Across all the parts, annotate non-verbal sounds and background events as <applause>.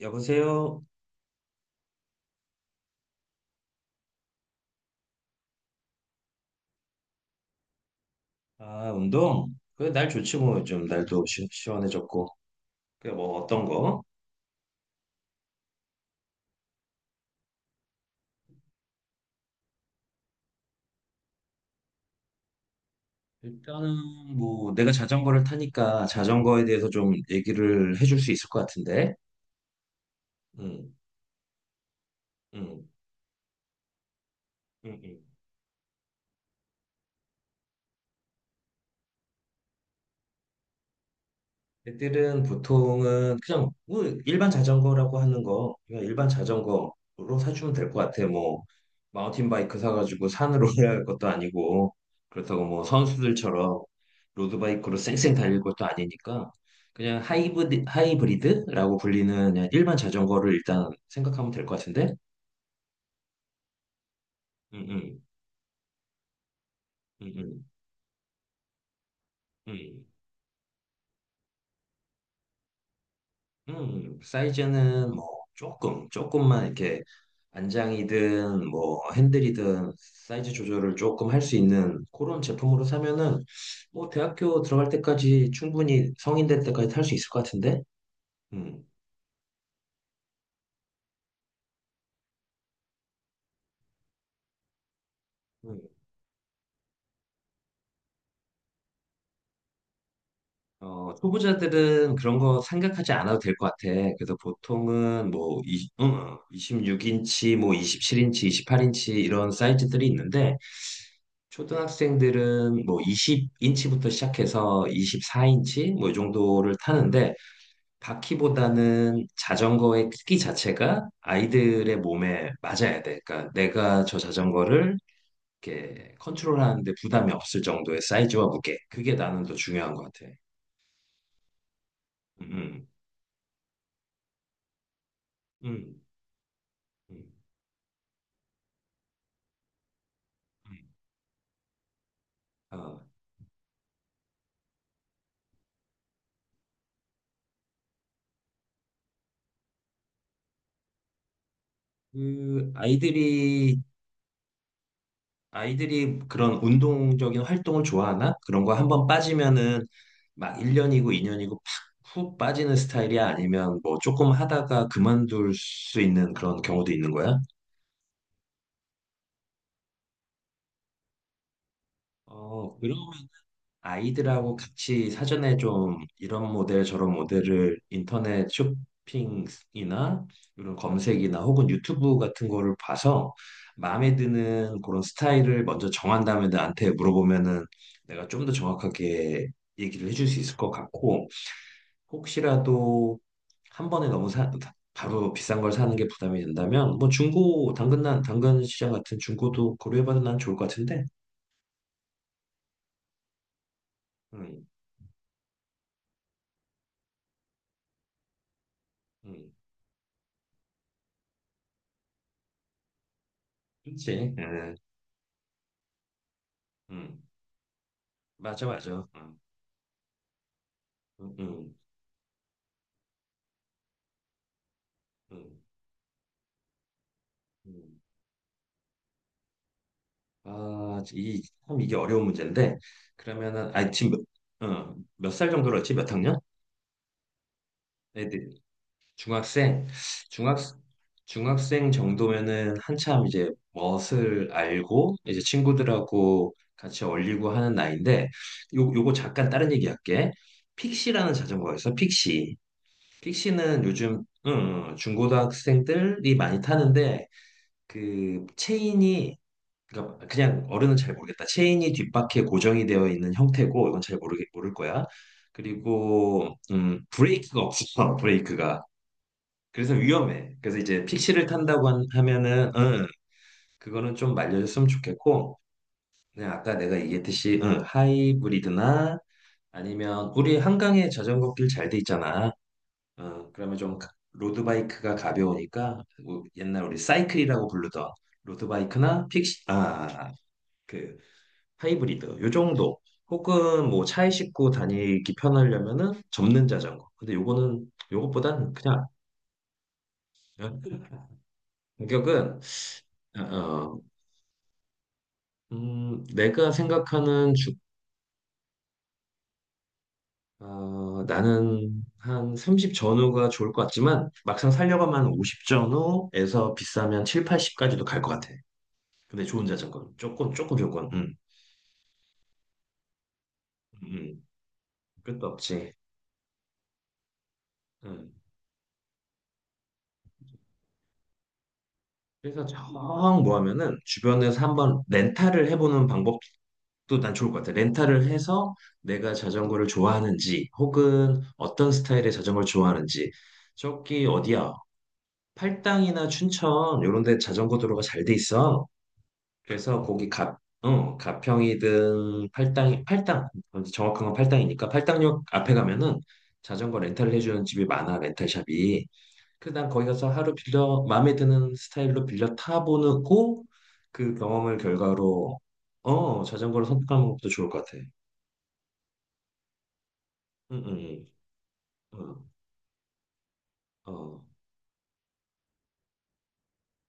여보세요? 아, 운동? 그래, 날 좋지 뭐, 요즘 날도 시원해졌고. 그래, 뭐, 어떤 거? 일단은 뭐, 내가 자전거를 타니까 자전거에 대해서 좀 얘기를 해줄 수 있을 것 같은데. 응, 응, 응, 응. 애들은 보통은 그냥 뭐 일반 자전거라고 하는 거 그냥 일반 자전거로 사주면 될 것 같아. 뭐 마운틴 바이크 사가지고 산으로 <laughs> 올라갈 것도 아니고, 그렇다고 뭐 선수들처럼 로드바이크로 쌩쌩 달릴 것도 아니니까 그냥 하이브리드라고 불리는 그냥 일반 자전거를 일단 생각하면 될 것 같은데. 응응, 응응. 사이즈는 뭐 조금만 이렇게, 안장이든 뭐 핸들이든 사이즈 조절을 조금 할 수 있는 그런 제품으로 사면은 뭐 대학교 들어갈 때까지, 충분히 성인 될 때까지 탈 수 있을 것 같은데? 음. 음. 초보자들은 그런 거 생각하지 않아도 될 것 같아. 그래서 보통은 뭐2 26인치, 뭐 27인치, 28인치 이런 사이즈들이 있는데, 초등학생들은 뭐 20인치부터 시작해서 24인치 뭐 이 정도를 타는데, 바퀴보다는 자전거의 크기 자체가 아이들의 몸에 맞아야 돼. 그러니까 내가 저 자전거를 이렇게 컨트롤하는데 부담이 없을 정도의 사이즈와 무게, 그게 나는 더 중요한 것 같아. 음, 음, 음, 음. 어, 그 아이들이 아이들이 그런 운동적인 활동을 좋아하나? 그런 거 한 번 빠지면은 막 1년이고 2년이고 팍 훅 빠지는 스타일이야? 아니면 뭐 조금 하다가 그만둘 수 있는 그런 경우도 있는 거야? 그 아이들하고 같이 사전에 좀 이런 모델 저런 모델을 인터넷 쇼핑이나 이런 검색이나, 혹은 유튜브 같은 거를 봐서 마음에 드는 그런 스타일을 먼저 정한 다음에 나한테 물어보면은 내가 좀 더 정확하게 얘기를 해줄 수 있을 것 같고, 혹시라도 한 번에 너무 바로 비싼 걸 사는 게 부담이 된다면 뭐 중고, 당근, 난 당근 시장 같은 중고도 고려해봐도 난 좋을 것 같은데. 음, 음, 그렇지. 음. 맞아, 맞아. 음, 음, 음. 아, 이, 참 이게 어려운 문제인데. 그러면은, 아, 지금, 몇살 정도로 했지? 몇 학년? 애들, 중학생, 중학, 중학생 정도면은 한참 이제 멋을 알고, 이제 친구들하고 같이 어울리고 하는 나이인데. 요거 잠깐 다른 얘기 할게. 픽시라는 자전거가 있어, 픽시. 픽시는 요즘, 중고등학생들이 많이 타는데, 그, 체인이 그러니까 그냥 어른은 잘 모르겠다. 체인이 뒷바퀴에 고정이 되어 있는 형태고, 이건 잘 모르겠 모를 거야. 그리고 브레이크가 없어, <laughs> 브레이크가. 그래서 위험해. 그래서 이제 픽시를 탄다고 하면은, 응, 그거는 좀 말려줬으면 좋겠고, 그냥 아까 내가 얘기했듯이, 응, 하이브리드나, 아니면 우리 한강에 자전거길 잘 돼 있잖아. 응, 그러면 좀 로드바이크가 가벼우니까 옛날 우리 사이클이라고 부르던 로드바이크나, 픽시, 그 하이브리드 요 정도, 혹은 뭐 차에 싣고 다니기 편하려면은 접는 자전거. 근데 요거는 요것보단 그냥. 그냥 가격은, 어, 어, 내가 생각하는 주 나는 한 30 전후가 좋을 것 같지만, 막상 살려고 면50 전후에서 비싸면 7, 80까지도 갈 것 같아. 근데 좋은 자전거 조금, 음, 음. 끝도 없지. 음. 그래서 정 뭐 하면은 주변에서 한번 렌탈을 해보는 방법도 또 난 좋을 것 같아. 렌탈을 해서 내가 자전거를 좋아하는지, 혹은 어떤 스타일의 자전거를 좋아하는지. 저기 어디야? 팔당이나 춘천, 요런 데 자전거 도로가 잘 돼 있어. 그래서 거기 가, 가평이든 팔당, 어, 정확한 건 팔당이니까, 팔당역 앞에 가면은 자전거 렌탈을 해주는 집이 많아, 렌탈샵이. 그 난 거기 가서 하루 빌려, 마음에 드는 스타일로 빌려 타보고 그 경험을 결과로, 어, 자전거를 선택하는 것도 좋을 것 같아. 응, 응, 응. 어, 어.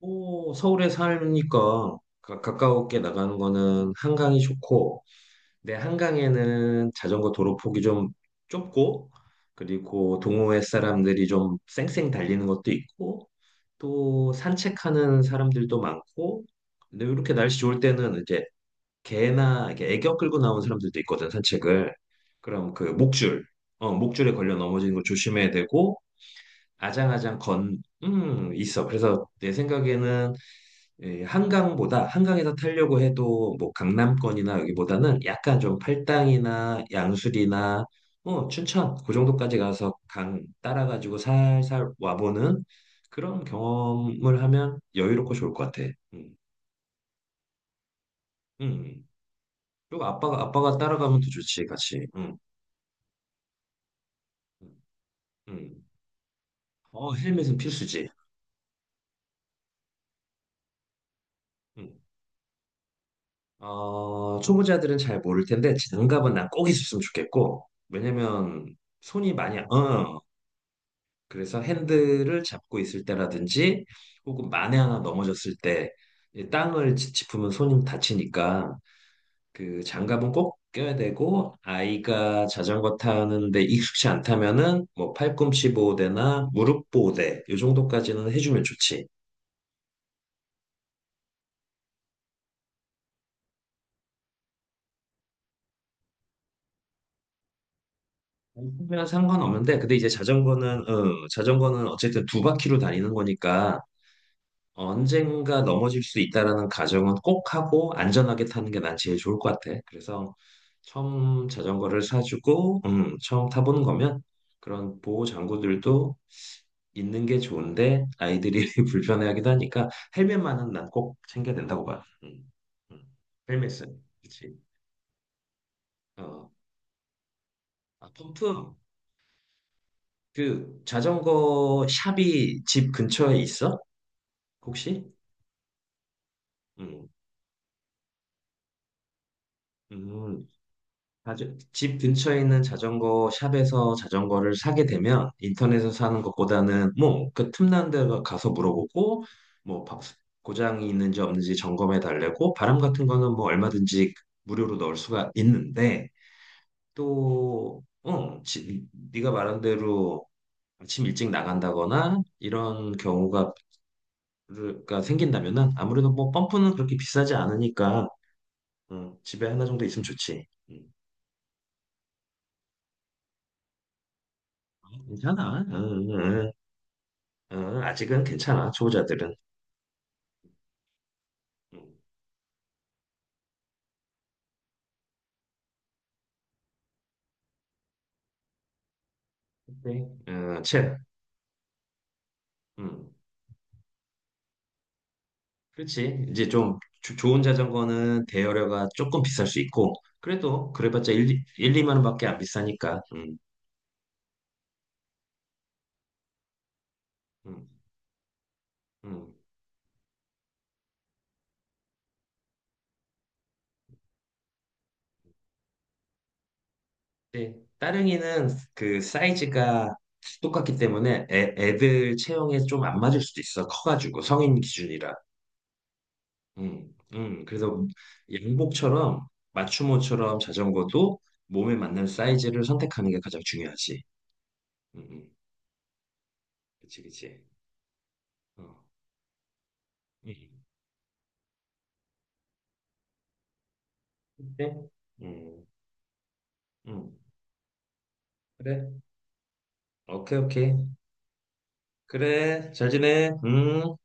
뭐, 서울에 살니까 가깝게 나가는 거는 한강이 좋고. 내 한강에는 자전거 도로 폭이 좀 좁고, 그리고 동호회 사람들이 좀 쌩쌩 달리는 것도 있고, 또 산책하는 사람들도 많고, 근데 이렇게 날씨 좋을 때는 이제 개나 이렇게 애견 끌고 나온 사람들도 있거든, 산책을. 그럼 그 목줄에 걸려 넘어지는 거 조심해야 되고, 있어. 그래서 내 생각에는, 예, 한강에서 타려고 해도 뭐 강남권이나 여기보다는 약간 좀 팔당이나 양수리나, 어, 춘천, 그 정도까지 가서 강 따라가지고 살살 와보는 그런 경험을 하면 여유롭고 좋을 것 같아. 음, 음. 그리고 아빠가 따라가면 더 좋지, 같이. 음. 음. 어, 헬멧은 필수지. 음. 초보자들은 잘 모를 텐데 장갑은 난 꼭 있었으면 좋겠고, 왜냐면 손이 많이, 어, 그래서 핸들을 잡고 있을 때라든지, 혹은 만에 하나 넘어졌을 때이 땅을 짚으면 손이 다치니까 그 장갑은 꼭 껴야 되고, 아이가 자전거 타는데 익숙치 않다면은 뭐 팔꿈치 보호대나 무릎 보호대, 이 정도까지는 해주면 좋지. 아니면 상관없는데, 근데 이제 자전거는 어쨌든 두 바퀴로 다니는 거니까 언젠가 넘어질 수 있다라는 가정은 꼭 하고, 안전하게 타는 게 난 제일 좋을 것 같아. 그래서 처음 자전거를 사주고, 처음 타보는 거면 그런 보호 장구들도 있는 게 좋은데, 아이들이 <laughs> 불편해하기도 하니까 헬멧만은 난 꼭 챙겨야 된다고 봐. 음. 헬멧은, 그치. 어, 아, 펌프. 그 자전거 샵이 집 근처에 있어? 혹시? 음, 음. 집 근처에 있는 자전거 샵에서 자전거를 사게 되면 인터넷에서 사는 것보다는 뭐 그 틈난 데 가서 물어보고, 뭐 고장이 있는지 없는지 점검해 달래고, 바람 같은 거는 뭐 얼마든지 무료로 넣을 수가 있는데, 또 네가 말한 대로 아침 일찍 나간다거나 이런 경우가 가 생긴다면은, 아무래도 뭐 펌프는 그렇게 비싸지 않으니까, 어, 집에 하나 정도 있으면 좋지. 괜찮아. 응, 응, 응. 어, 아직은 괜찮아, 초보자들은. 음, 근데, 음, 그렇지. 이제 좀 좋은 자전거는 대여료가 조금 비쌀 수 있고, 그래도 그래봤자 일, 2만 원밖에 안 비싸니까. 음, 음. 근데 따릉이는 그 사이즈가 똑같기 때문에 애들 체형에 좀 안 맞을 수도 있어. 커가지고, 성인 기준이라. 음. 그래서 양복처럼, 맞춤옷처럼 자전거도 몸에 맞는 사이즈를 선택하는 게 가장 중요하지. 음, 음. 그치, 그치. 어. 음. 네. 음, 음. 그래. 오케이, 오케이. 그래, 잘 지내. 음.